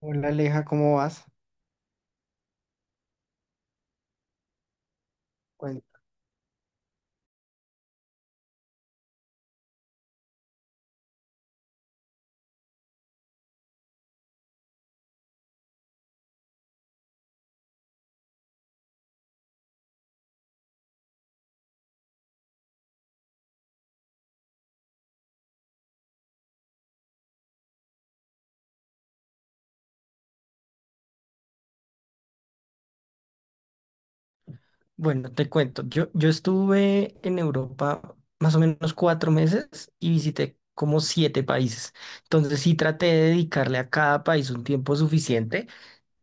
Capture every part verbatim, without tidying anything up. Hola Aleja, ¿cómo vas? Cuen- Bueno, te cuento, yo, yo estuve en Europa más o menos cuatro meses y visité como siete países. Entonces sí traté de dedicarle a cada país un tiempo suficiente.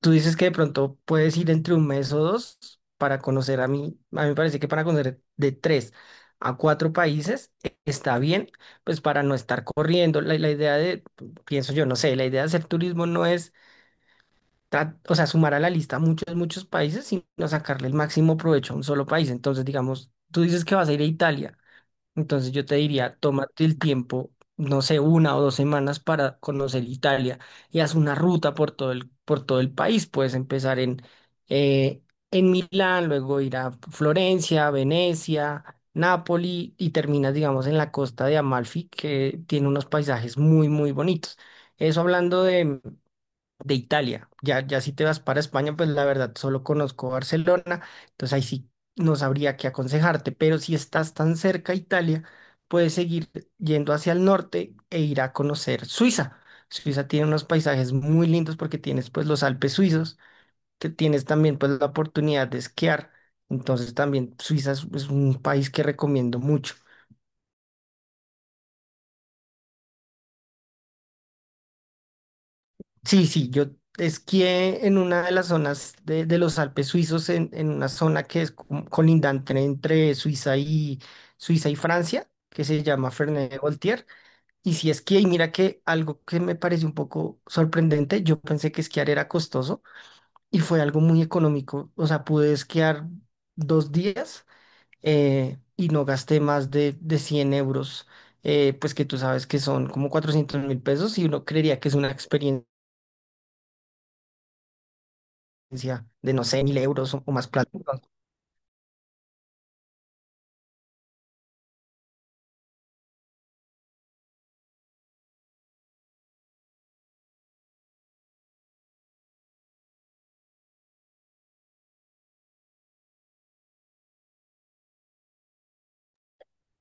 Tú dices que de pronto puedes ir entre un mes o dos para conocer a mí. A mí me parece que para conocer de tres a cuatro países eh, está bien, pues para no estar corriendo. La, la idea de, pienso yo, no sé, la idea de hacer turismo no es tra- o sea, sumar a la lista muchos, muchos países, sino sacarle el máximo provecho a un solo país. Entonces, digamos, tú dices que vas a ir a Italia, entonces yo te diría, tómate el tiempo, no sé, una o dos semanas para conocer Italia y haz una ruta por todo el, por todo el país. Puedes empezar en, eh, en Milán, luego ir a Florencia, Venecia. Nápoli y terminas, digamos, en la costa de Amalfi, que tiene unos paisajes muy, muy bonitos. Eso hablando de, de Italia. Ya, ya si te vas para España, pues la verdad solo conozco Barcelona, entonces ahí sí no sabría qué aconsejarte, pero si estás tan cerca a Italia, puedes seguir yendo hacia el norte e ir a conocer Suiza. Suiza tiene unos paisajes muy lindos porque tienes pues los Alpes suizos, que tienes también pues la oportunidad de esquiar. Entonces también Suiza es, es un país que recomiendo mucho. Sí, sí, yo esquié en una de las zonas de, de los Alpes suizos, en, en una zona que es co- colindante entre Suiza y, Suiza y Francia, que se llama Ferney-Voltiers. Y sí esquié, y mira que algo que me pareció un poco sorprendente, yo pensé que esquiar era costoso y fue algo muy económico. O sea, pude esquiar dos días eh, y no gasté más de, de cien euros, eh, pues que tú sabes que son como cuatrocientos mil pesos y uno creería que es una experiencia de, no sé, mil euros o, o más plata.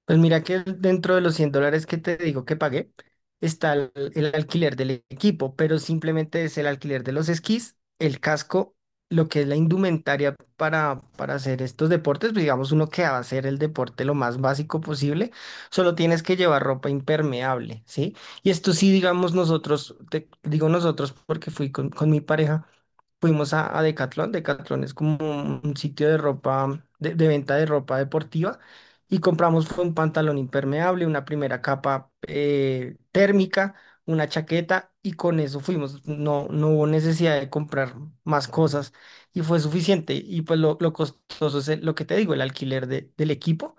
Pues mira que dentro de los cien dólares que te digo que pagué, está el, el alquiler del equipo, pero simplemente es el alquiler de los esquís, el casco, lo que es la indumentaria para, para hacer estos deportes, pues digamos uno que va a hacer el deporte lo más básico posible, solo tienes que llevar ropa impermeable, ¿sí? Y esto sí, digamos nosotros, te, digo nosotros porque fui con, con mi pareja. Fuimos a, a Decathlon. Decathlon es como un un sitio de ropa, de, de venta de ropa deportiva y compramos fue un pantalón impermeable, una primera capa eh, térmica, una chaqueta y con eso fuimos. No, no hubo necesidad de comprar más cosas y fue suficiente. Y pues lo, lo costoso es el- lo que te digo, el alquiler de- del equipo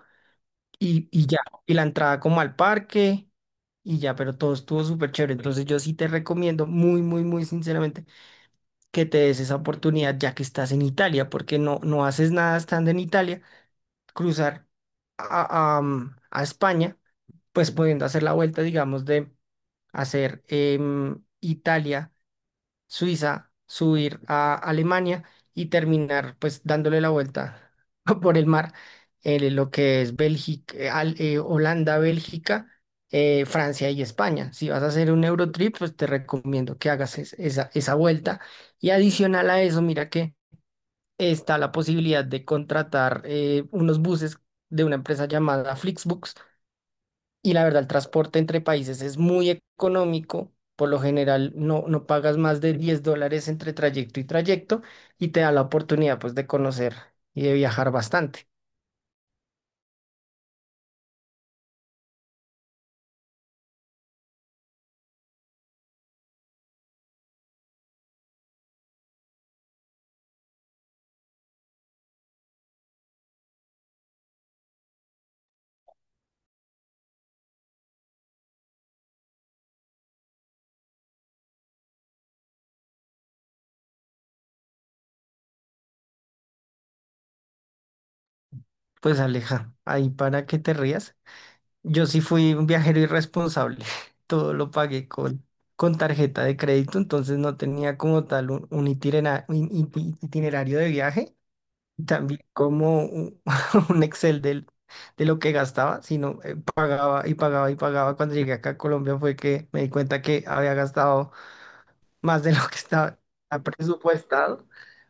y, y ya, y la entrada como al parque y ya, pero todo estuvo súper chévere. Entonces yo sí te recomiendo muy, muy, muy sinceramente que te des esa oportunidad ya que estás en Italia, porque no, no haces nada estando en Italia, cruzar a a, mm, a España pues pudiendo hacer la vuelta, digamos, de hacer em, Italia, Suiza, subir a Alemania y terminar pues dándole la vuelta por el mar, eh, lo que es Bélgica, eh, al- eh, Holanda, Bélgica, eh, Francia y España. Si vas a hacer un Eurotrip, pues te recomiendo que hagas es- esa, esa vuelta. Y adicional a eso, mira que está la posibilidad de contratar eh, unos buses de una empresa llamada Flixbus y la verdad, el transporte entre países es muy económico. Por lo general, no, no pagas más de diez dólares entre trayecto y trayecto y te da la oportunidad pues de conocer y de viajar bastante. Pues Aleja, ahí para que te rías. Yo sí fui un viajero irresponsable. Todo lo pagué con, con tarjeta de crédito, entonces no tenía como tal un, un itinera- un iti- itinerario de viaje, también como un, un Excel del, de lo que gastaba, sino pagaba y pagaba y pagaba. Cuando llegué acá a Colombia fue que me di cuenta que había gastado más de lo que estaba presupuestado,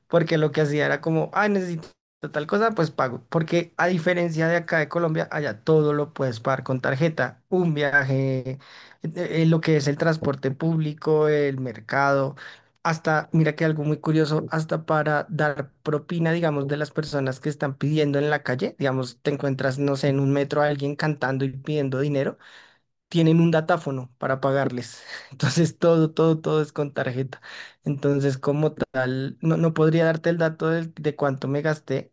porque lo que hacía era como, ay, necesito tal cosa, pues pago. Porque a diferencia de acá de Colombia, allá todo lo puedes pagar con tarjeta, un viaje, eh, eh, lo que es el transporte público, el mercado. Hasta, mira que algo muy curioso, hasta para dar propina, digamos, de las personas que están pidiendo en la calle, digamos, te encuentras, no sé, en un metro a alguien cantando y pidiendo dinero, tienen un datáfono para pagarles. Entonces todo, todo, todo es con tarjeta. Entonces, como tal, no, no podría darte el dato de, de cuánto me gasté,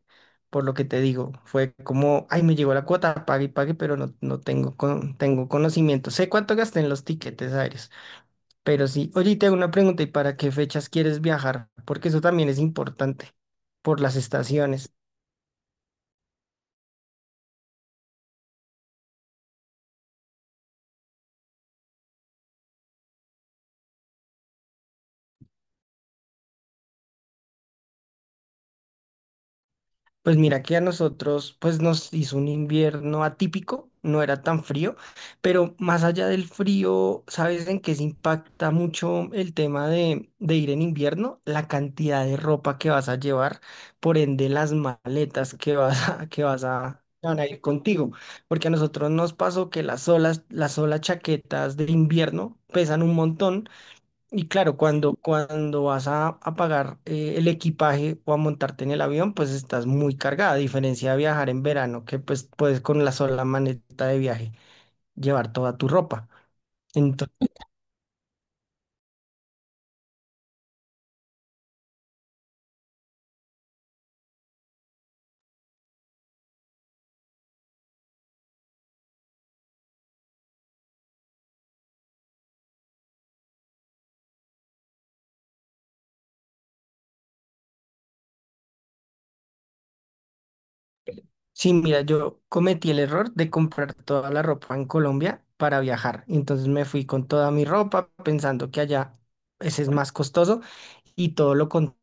por lo que te digo, fue como, ay, me llegó la cuota, pague y pague, pero no, no tengo, con, tengo conocimiento. Sé cuánto gasté en los tiquetes aéreos, pero sí, oye, y te hago una pregunta, ¿y para qué fechas quieres viajar? Porque eso también es importante, por las estaciones. Pues mira que a nosotros pues nos hizo un invierno atípico, no era tan frío, pero más allá del frío, ¿sabes en qué se impacta mucho el tema de, de ir en invierno? La cantidad de ropa que vas a llevar, por ende las maletas que vas a, que vas a, que van a ir contigo, porque a nosotros nos pasó que las solas, las solas chaquetas de invierno pesan un montón y claro, cuando, cuando vas a, a pagar eh, el equipaje o a montarte en el avión, pues estás muy cargada, a diferencia de viajar en verano, que pues puedes con la sola maneta de viaje llevar toda tu ropa. Entonces, sí, mira, yo cometí el error de comprar toda la ropa en Colombia para viajar. Entonces me fui con toda mi ropa pensando que allá ese es más costoso y todo lo contrario.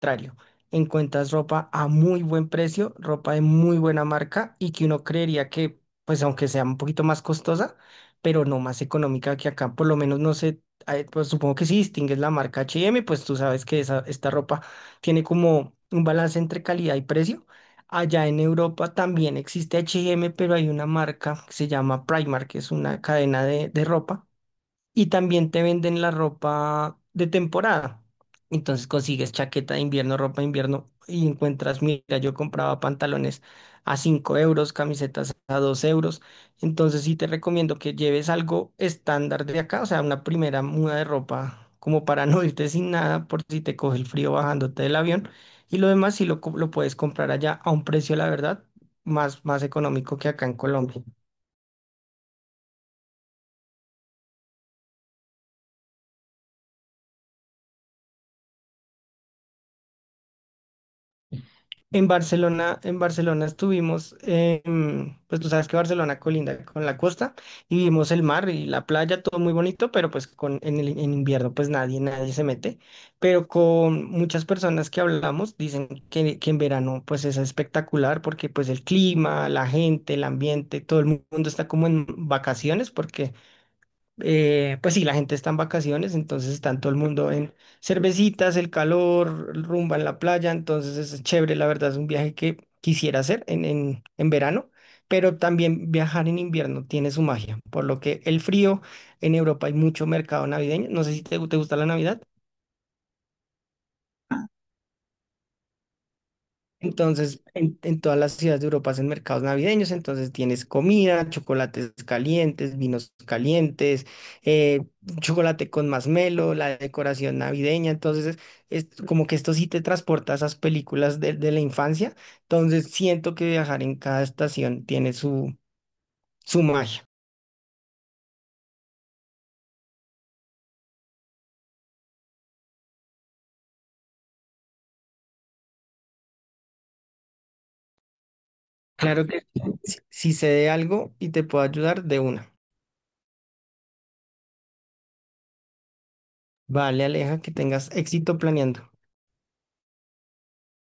Contrario, encuentras ropa a muy buen precio, ropa de muy buena marca y que uno creería que, pues aunque sea un poquito más costosa, pero no más económica que acá, por lo menos no sé, eh, pues supongo que si distingues la marca H and M, pues tú sabes que esa, esta ropa tiene como un balance entre calidad y precio. Allá en Europa también existe H and M, pero hay una marca que se llama Primark, que es una cadena de de ropa y también te venden la ropa de temporada. Entonces consigues chaqueta de invierno, ropa de invierno y encuentras, mira, yo compraba pantalones a cinco euros, camisetas a dos euros. Entonces sí te recomiendo que lleves algo estándar de acá, o sea, una primera muda de ropa, como para no irte sin nada por si te coge el frío bajándote del avión. Y lo demás sí lo, co- lo puedes comprar allá a un precio, la verdad, más, más económico que acá en Colombia. En Barcelona, en Barcelona estuvimos, eh, mm, pues tú sabes que Barcelona colinda con la costa y vimos el mar y la playa, todo muy bonito, pero pues con, en el, en invierno pues nadie, nadie se mete, pero con muchas personas que hablamos dicen que, que en verano pues es espectacular porque pues el clima, la gente, el ambiente, todo el mundo está como en vacaciones porque eh, pues sí, la gente está en vacaciones, entonces está todo el mundo en cervecitas, el calor, rumba en la playa, entonces es chévere, la verdad es un viaje que quisiera hacer en, en, en verano, pero también viajar en invierno tiene su magia, por lo que el frío en Europa hay mucho mercado navideño, no sé si te, gu- te gusta la Navidad. Entonces, en, en todas las ciudades de Europa hacen mercados navideños, entonces tienes comida, chocolates calientes, vinos calientes, eh, chocolate con masmelo, la decoración navideña, entonces es como que esto sí te transporta a esas películas de, de la infancia, entonces siento que viajar en cada estación tiene su, su magia. Claro que si, si sé de algo y te puedo ayudar, de una. Vale, Aleja, que tengas éxito planeando.